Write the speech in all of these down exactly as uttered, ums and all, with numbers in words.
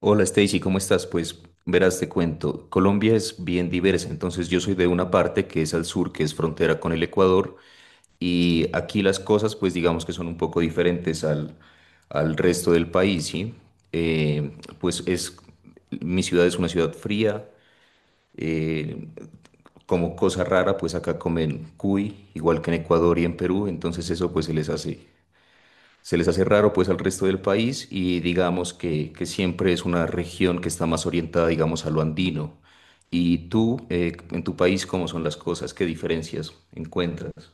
Hola Stacy, ¿cómo estás? Pues verás, te cuento, Colombia es bien diversa, entonces yo soy de una parte que es al sur, que es frontera con el Ecuador, y aquí las cosas pues digamos que son un poco diferentes al, al resto del país, ¿sí? Eh, pues es, mi ciudad es una ciudad fría, eh, como cosa rara pues acá comen cuy, igual que en Ecuador y en Perú, entonces eso pues se les hace se les hace raro pues al resto del país y digamos que, que siempre es una región que está más orientada digamos a lo andino. ¿Y tú, eh, en tu país, cómo son las cosas? ¿Qué diferencias encuentras?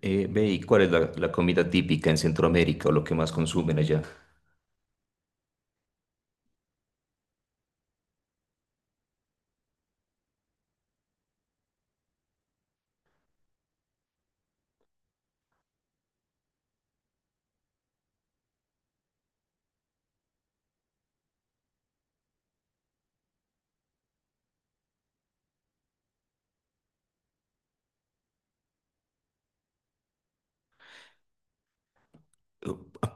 Eh, ve, ¿y cuál es la, la comida típica en Centroamérica o lo que más consumen allá?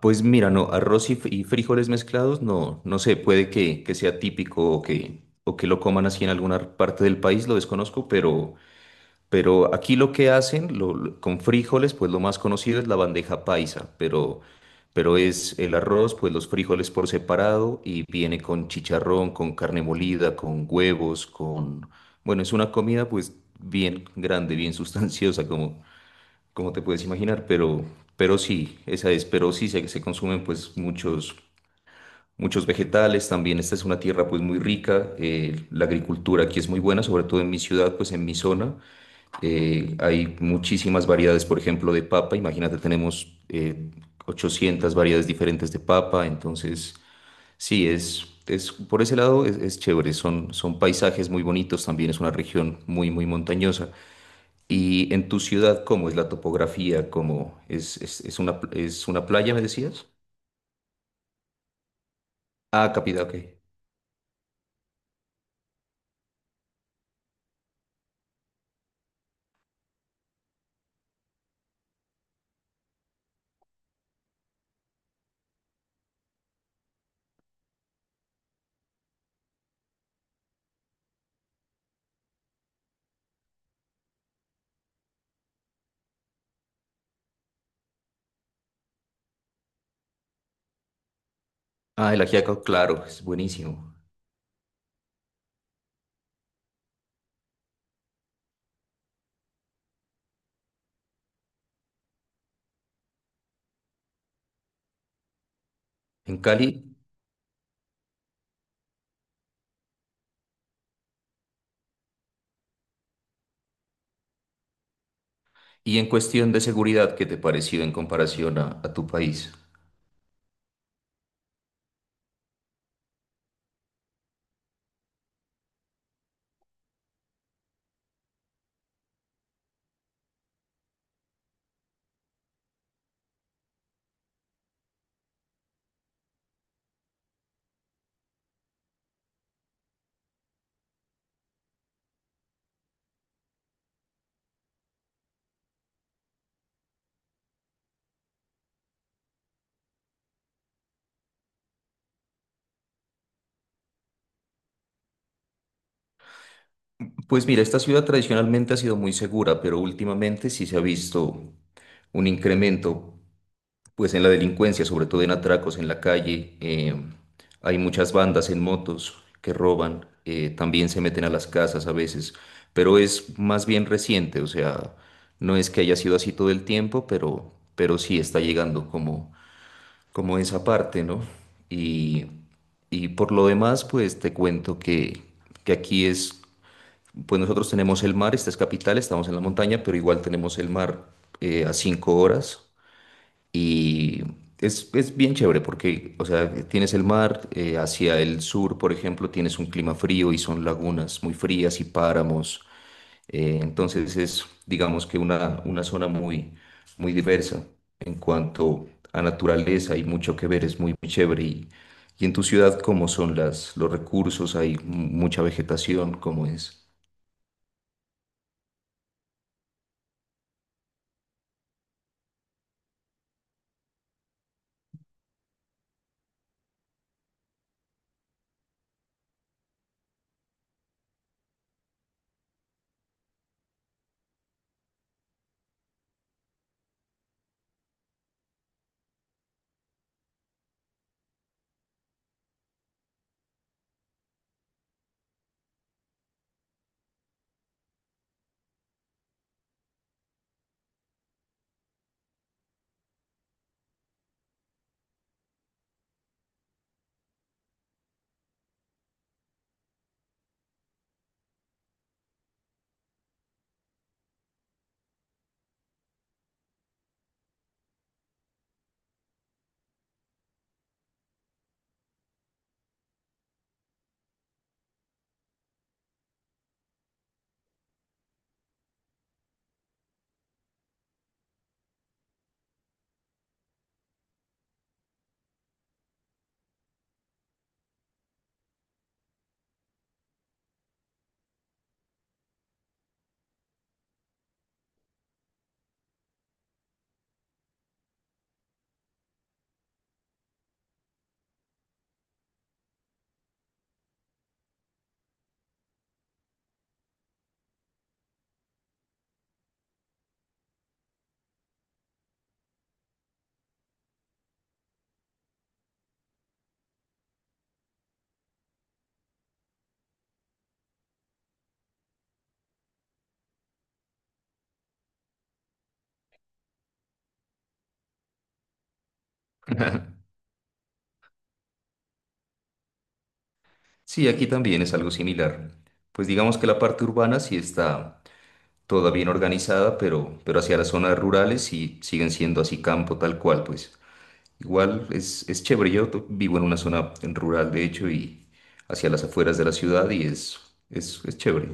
Pues mira, no, arroz y, fr- y frijoles mezclados, no, no sé, puede que, que sea típico o que, o que lo coman así en alguna parte del país, lo desconozco. Pero Pero aquí lo que hacen lo- lo- con frijoles, pues lo más conocido es la bandeja paisa, pero, pero es el arroz, pues los frijoles por separado y viene con chicharrón, con carne molida, con huevos, con... Bueno, es una comida pues bien grande, bien sustanciosa, como, como te puedes imaginar, pero, pero sí, esa es, pero sí se, se consumen pues muchos... Muchos vegetales, también esta es una tierra pues muy rica, eh, la agricultura aquí es muy buena, sobre todo en mi ciudad, pues en mi zona, eh, hay muchísimas variedades, por ejemplo, de papa. Imagínate, tenemos eh, ochocientas variedades diferentes de papa. Entonces, sí, es, es por ese lado es, es chévere. Son, son paisajes muy bonitos. También es una región muy, muy montañosa. Y en tu ciudad, ¿cómo es la topografía? ¿Cómo es, es, es una, es una playa, me decías? Ah, Capitán, ok. Ah, el Ajiaco, claro, es buenísimo. En Cali. Y en cuestión de seguridad, ¿qué te pareció en comparación a, a tu país? Pues mira, esta ciudad tradicionalmente ha sido muy segura, pero últimamente sí se ha visto un incremento, pues en la delincuencia, sobre todo en atracos en la calle. Eh, hay muchas bandas en motos que roban, eh, también se meten a las casas a veces, pero es más bien reciente, o sea, no es que haya sido así todo el tiempo, pero, pero sí está llegando como, como esa parte, ¿no? Y, y por lo demás, pues te cuento que, que aquí es pues nosotros tenemos el mar, esta es capital, estamos en la montaña, pero igual tenemos el mar eh, a cinco horas, y es, es bien chévere porque, o sea, tienes el mar eh, hacia el sur, por ejemplo, tienes un clima frío y son lagunas muy frías y páramos. Eh, entonces es, digamos que una, una zona muy, muy diversa en cuanto a naturaleza, hay mucho que ver, es muy, muy chévere. Y, y en tu ciudad, ¿cómo son las, los recursos? ¿Hay mucha vegetación? ¿Cómo es? Sí, aquí también es algo similar. Pues digamos que la parte urbana sí está toda bien organizada, pero, pero hacia las zonas rurales sí siguen siendo así campo tal cual, pues. Igual es, es chévere. Yo to- vivo en una zona rural, de hecho, y hacia las afueras de la ciudad y es, es, es chévere.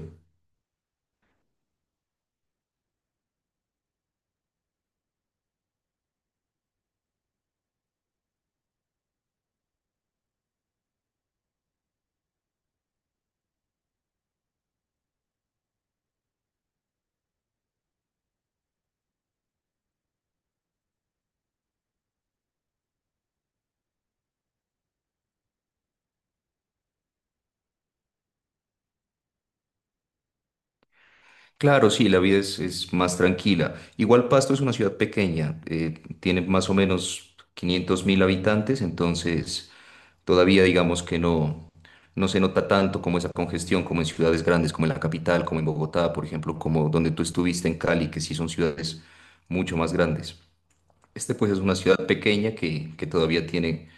Claro, sí, la vida es, es más tranquila. Igual Pasto es una ciudad pequeña, eh, tiene más o menos quinientos mil habitantes, entonces todavía digamos que no, no se nota tanto como esa congestión, como en ciudades grandes, como en la capital, como en Bogotá, por ejemplo, como donde tú estuviste en Cali, que sí son ciudades mucho más grandes. Este pues es una ciudad pequeña que, que todavía tiene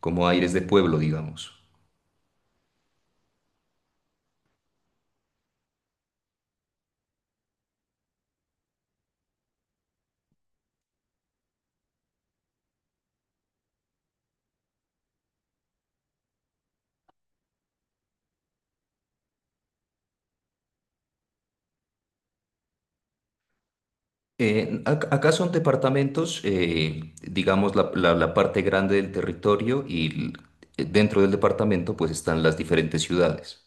como aires de pueblo, digamos. Eh, ac- acá son departamentos, eh, digamos, la, la- la parte grande del territorio y l- eh, dentro del departamento pues están las diferentes ciudades.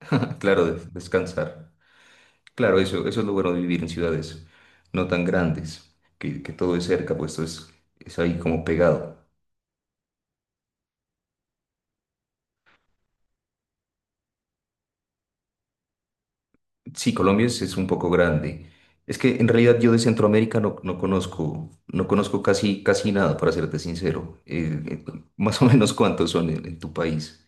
Claro, de- descansar. Claro, eso, eso es lo bueno de vivir en ciudades no tan grandes, que, que todo es cerca, pues todo es, es ahí como pegado. Sí, Colombia es, es un poco grande. Es que en realidad yo de Centroamérica no, no conozco, no conozco casi, casi nada, para serte sincero. Eh, eh, ¿más o menos cuántos son en en tu país?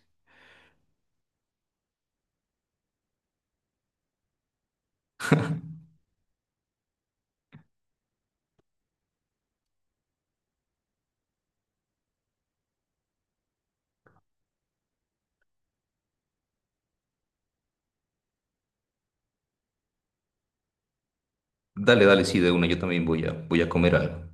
Dale, dale, sí, de una, yo también voy a, voy a, comer algo.